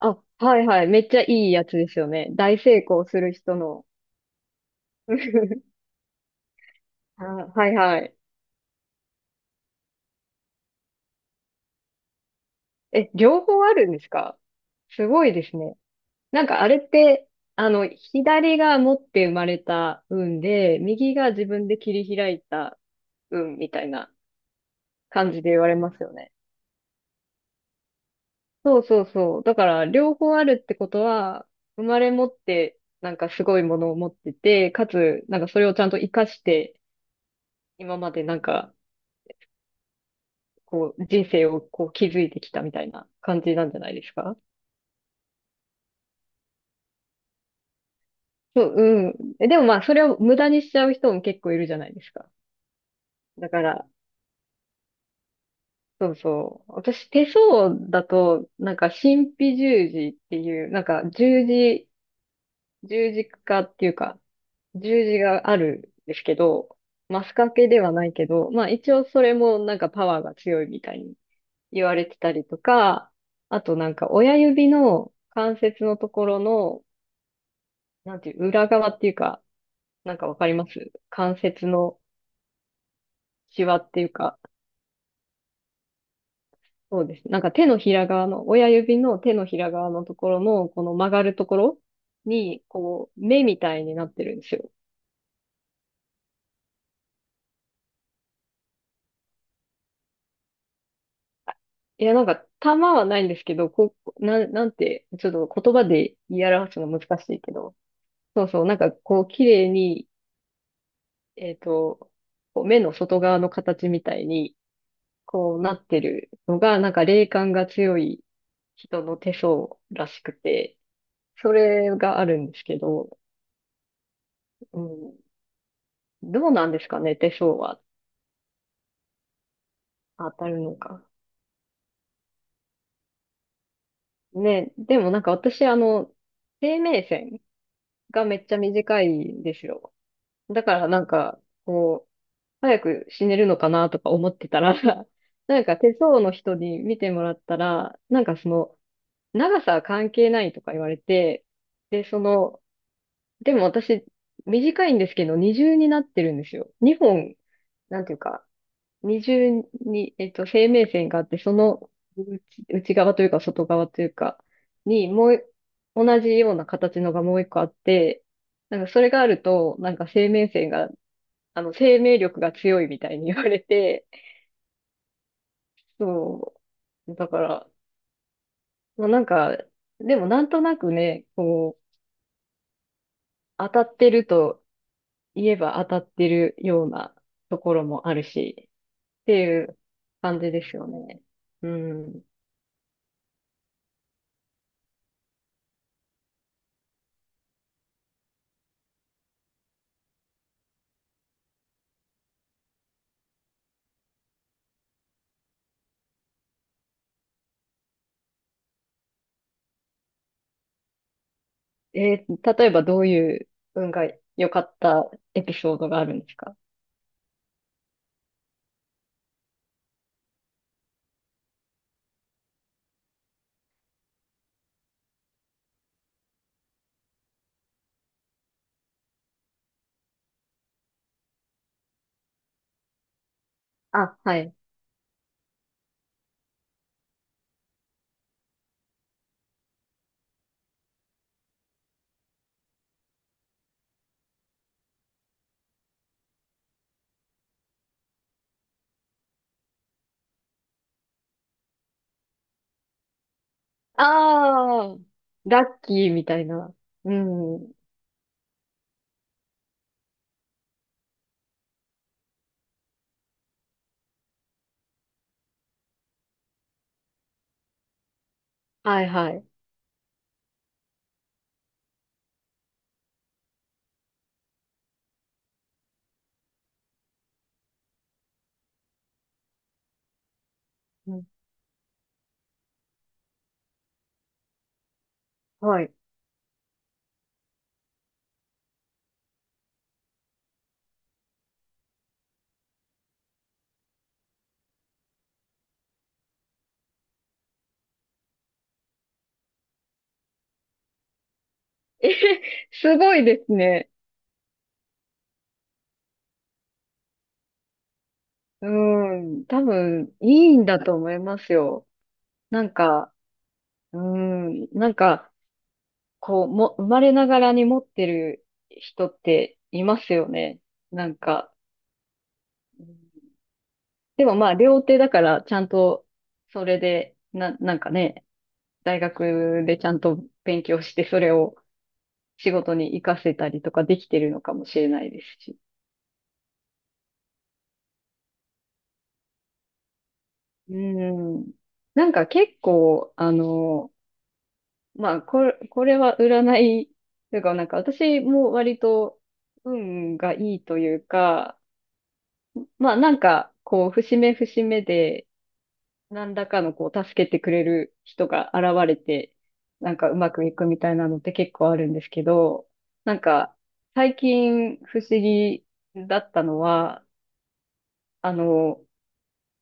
あ、はいはい。めっちゃいいやつですよね。大成功する人の。あ、はいはい。え、両方あるんですか？すごいですね。なんかあれって、左が持って生まれた運で、右が自分で切り開いた運みたいな感じで言われますよね。そうそうそう。だから、両方あるってことは、生まれ持って、なんかすごいものを持ってて、かつ、なんかそれをちゃんと活かして、今までなんか、こう、人生をこう築いてきたみたいな感じなんじゃないですか？そう、うん。でもまあ、それを無駄にしちゃう人も結構いるじゃないですか。だから、そうそう。私、手相だと、なんか、神秘十字っていう、なんか、十字、十字架っていうか、十字があるんですけど、マスカケではないけど、まあ、一応それもなんかパワーが強いみたいに言われてたりとか、あとなんか、親指の関節のところの、なんていう、裏側っていうか、なんかわかります？関節のシワっていうか、そうです。なんか手のひら側の、親指の手のひら側のところの、この曲がるところに、こう、目みたいになってるんですよ。いや、なんか、玉はないんですけど、こう、なんて、ちょっと言葉で言い表すの難しいけど、そうそう、なんかこう、綺麗に、えっと、こう目の外側の形みたいに、こうなってるのが、なんか霊感が強い人の手相らしくて、それがあるんですけど、うん、どうなんですかね、手相は当たるのか。ね、でもなんか私、生命線がめっちゃ短いんですよ。だからなんか、こう、早く死ねるのかなとか思ってたら、なんか手相の人に見てもらったら、なんかその、長さは関係ないとか言われて、で、その、でも私、短いんですけど、二重になってるんですよ。二本、なんていうか、二重に、生命線があって、その内、内側というか外側というかに、もうい、同じような形のがもう一個あって、なんかそれがあると、なんか生命線が、生命力が強いみたいに言われて、そう。だから、まあ、なんか、でもなんとなくね、こう、当たってると言えば当たってるようなところもあるし、っていう感じですよね。うん。えー、例えばどういう運が良かったエピソードがあるんですか？あ、はい。ああ、ラッキーみたいな。うん。はいはい。うん。はい。えへ、すごいですね。うん。多分、いいんだと思いますよ。なんか、うん。なんか、こう、生まれながらに持ってる人っていますよね。なんか。うん。でもまあ、両手だから、ちゃんと、それで、なんかね、大学でちゃんと勉強して、それを仕事に活かせたりとかできてるのかもしれないですし。うん。なんか結構、まあ、これは占い、というか、なんか私も割と運がいいというか、まあなんか、こう、節目節目で、何らかのこう、助けてくれる人が現れて、なんかうまくいくみたいなのって結構あるんですけど、なんか、最近不思議だったのは、あの、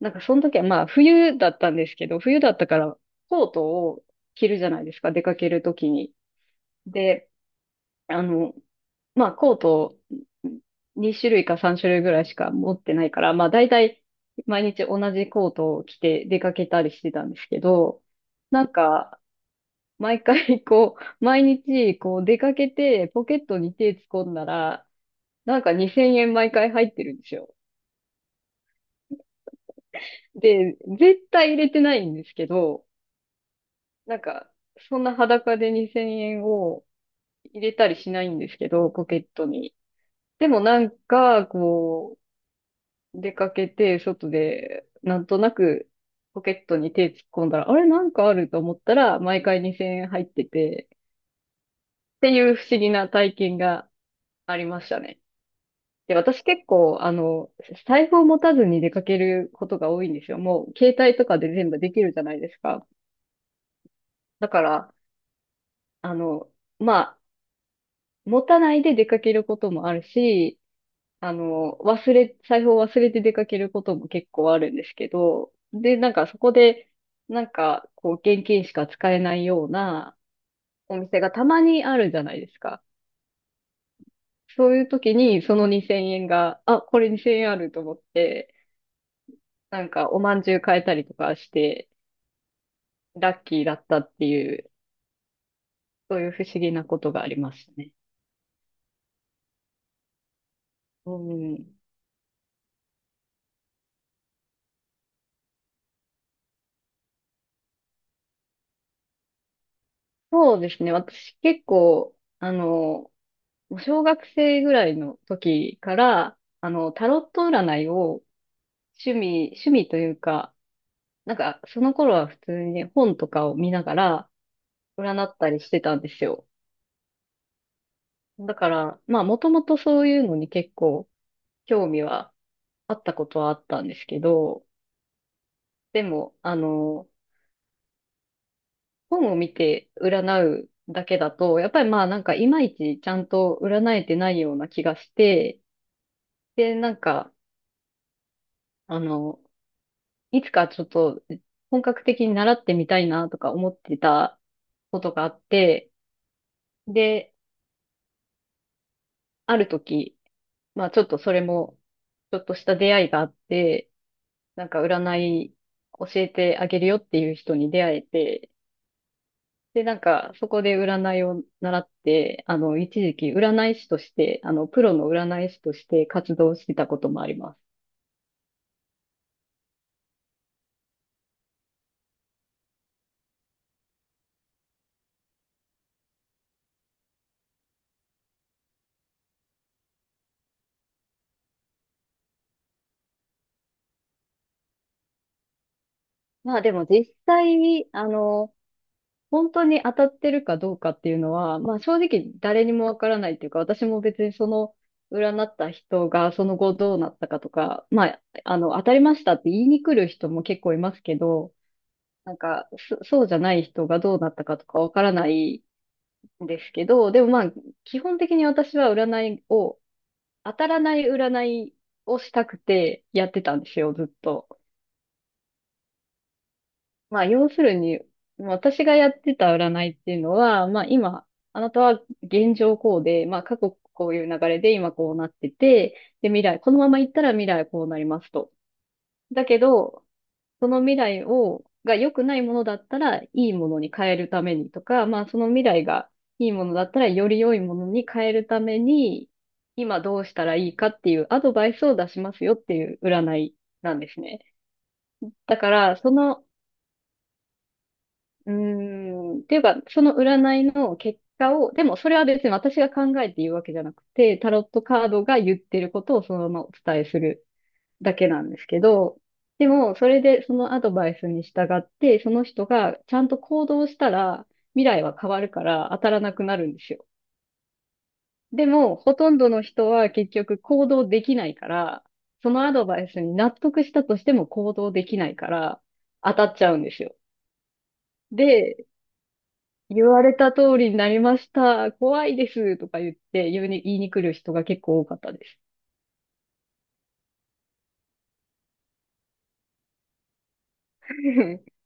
なんかその時はまあ冬だったんですけど、冬だったからコートを着るじゃないですか、出かける時に。で、あの、まあ、コート2種類か3種類ぐらいしか持ってないから、まあ、大体毎日同じコートを着て出かけたりしてたんですけど、なんか、毎回こ毎日こう出かけてポケットに手突っ込んだら、なんか2000円毎回入ってるんですよ。で、絶対入れてないんですけど、なんか、そんな裸で2000円を入れたりしないんですけど、ポケットに。でもなんか、出かけて、外で、なんとなくポケットに手突っ込んだら、あれなんかあると思ったら、毎回2000円入ってて、っていう不思議な体験がありましたね。で、私結構、財布を持たずに出かけることが多いんですよ。もう、携帯とかで全部できるじゃないですか。だから、あの、まあ、持たないで出かけることもあるし、財布を忘れて出かけることも結構あるんですけど、で、なんかそこで、なんか、こう、現金しか使えないようなお店がたまにあるじゃないですか。そういう時に、その2000円が、あ、これ2000円あると思って、なんか、おまんじゅう買えたりとかして、ラッキーだったっていう、そういう不思議なことがありましたね。うん。そうですね。私結構、もう小学生ぐらいの時から、タロット占いを趣味というか、なんか、その頃は普通に本とかを見ながら占ったりしてたんですよ。だから、まあ、もともとそういうのに結構興味はあったことはあったんですけど、でも、本を見て占うだけだと、やっぱりまあ、なんか、いまいちちゃんと占えてないような気がして、で、なんか、あの、いつかちょっと本格的に習ってみたいなとか思ってたことがあって、で、ある時、まあちょっとそれも、ちょっとした出会いがあって、なんか占い教えてあげるよっていう人に出会えて、で、なんかそこで占いを習って、一時期占い師として、プロの占い師として活動してたこともあります。まあでも実際に、本当に当たってるかどうかっていうのは、まあ正直誰にもわからないっていうか、私も別にその占った人がその後どうなったかとか、まあ、当たりましたって言いに来る人も結構いますけど、なんか、そうじゃない人がどうなったかとかわからないんですけど、でもまあ、基本的に私は占いを、当たらない占いをしたくてやってたんですよ、ずっと。まあ、要するに、まあ私がやってた占いっていうのは、まあ今、あなたは現状こうで、まあ過去こういう流れで今こうなってて、で未来、このまま行ったら未来はこうなりますと。だけど、その未来を、が良くないものだったらいいものに変えるためにとか、まあその未来がいいものだったらより良いものに変えるために、今どうしたらいいかっていうアドバイスを出しますよっていう占いなんですね。だから、そのうーん。っていうか、その占いの結果を、でもそれは別に私が考えて言うわけじゃなくて、タロットカードが言ってることをそのままお伝えするだけなんですけど、でも、それでそのアドバイスに従って、その人がちゃんと行動したら、未来は変わるから当たらなくなるんですよ。でも、ほとんどの人は結局行動できないから、そのアドバイスに納得したとしても行動できないから、当たっちゃうんですよ。で、言われた通りになりました。怖いです。とか言って言いに来る人が結構多かったです。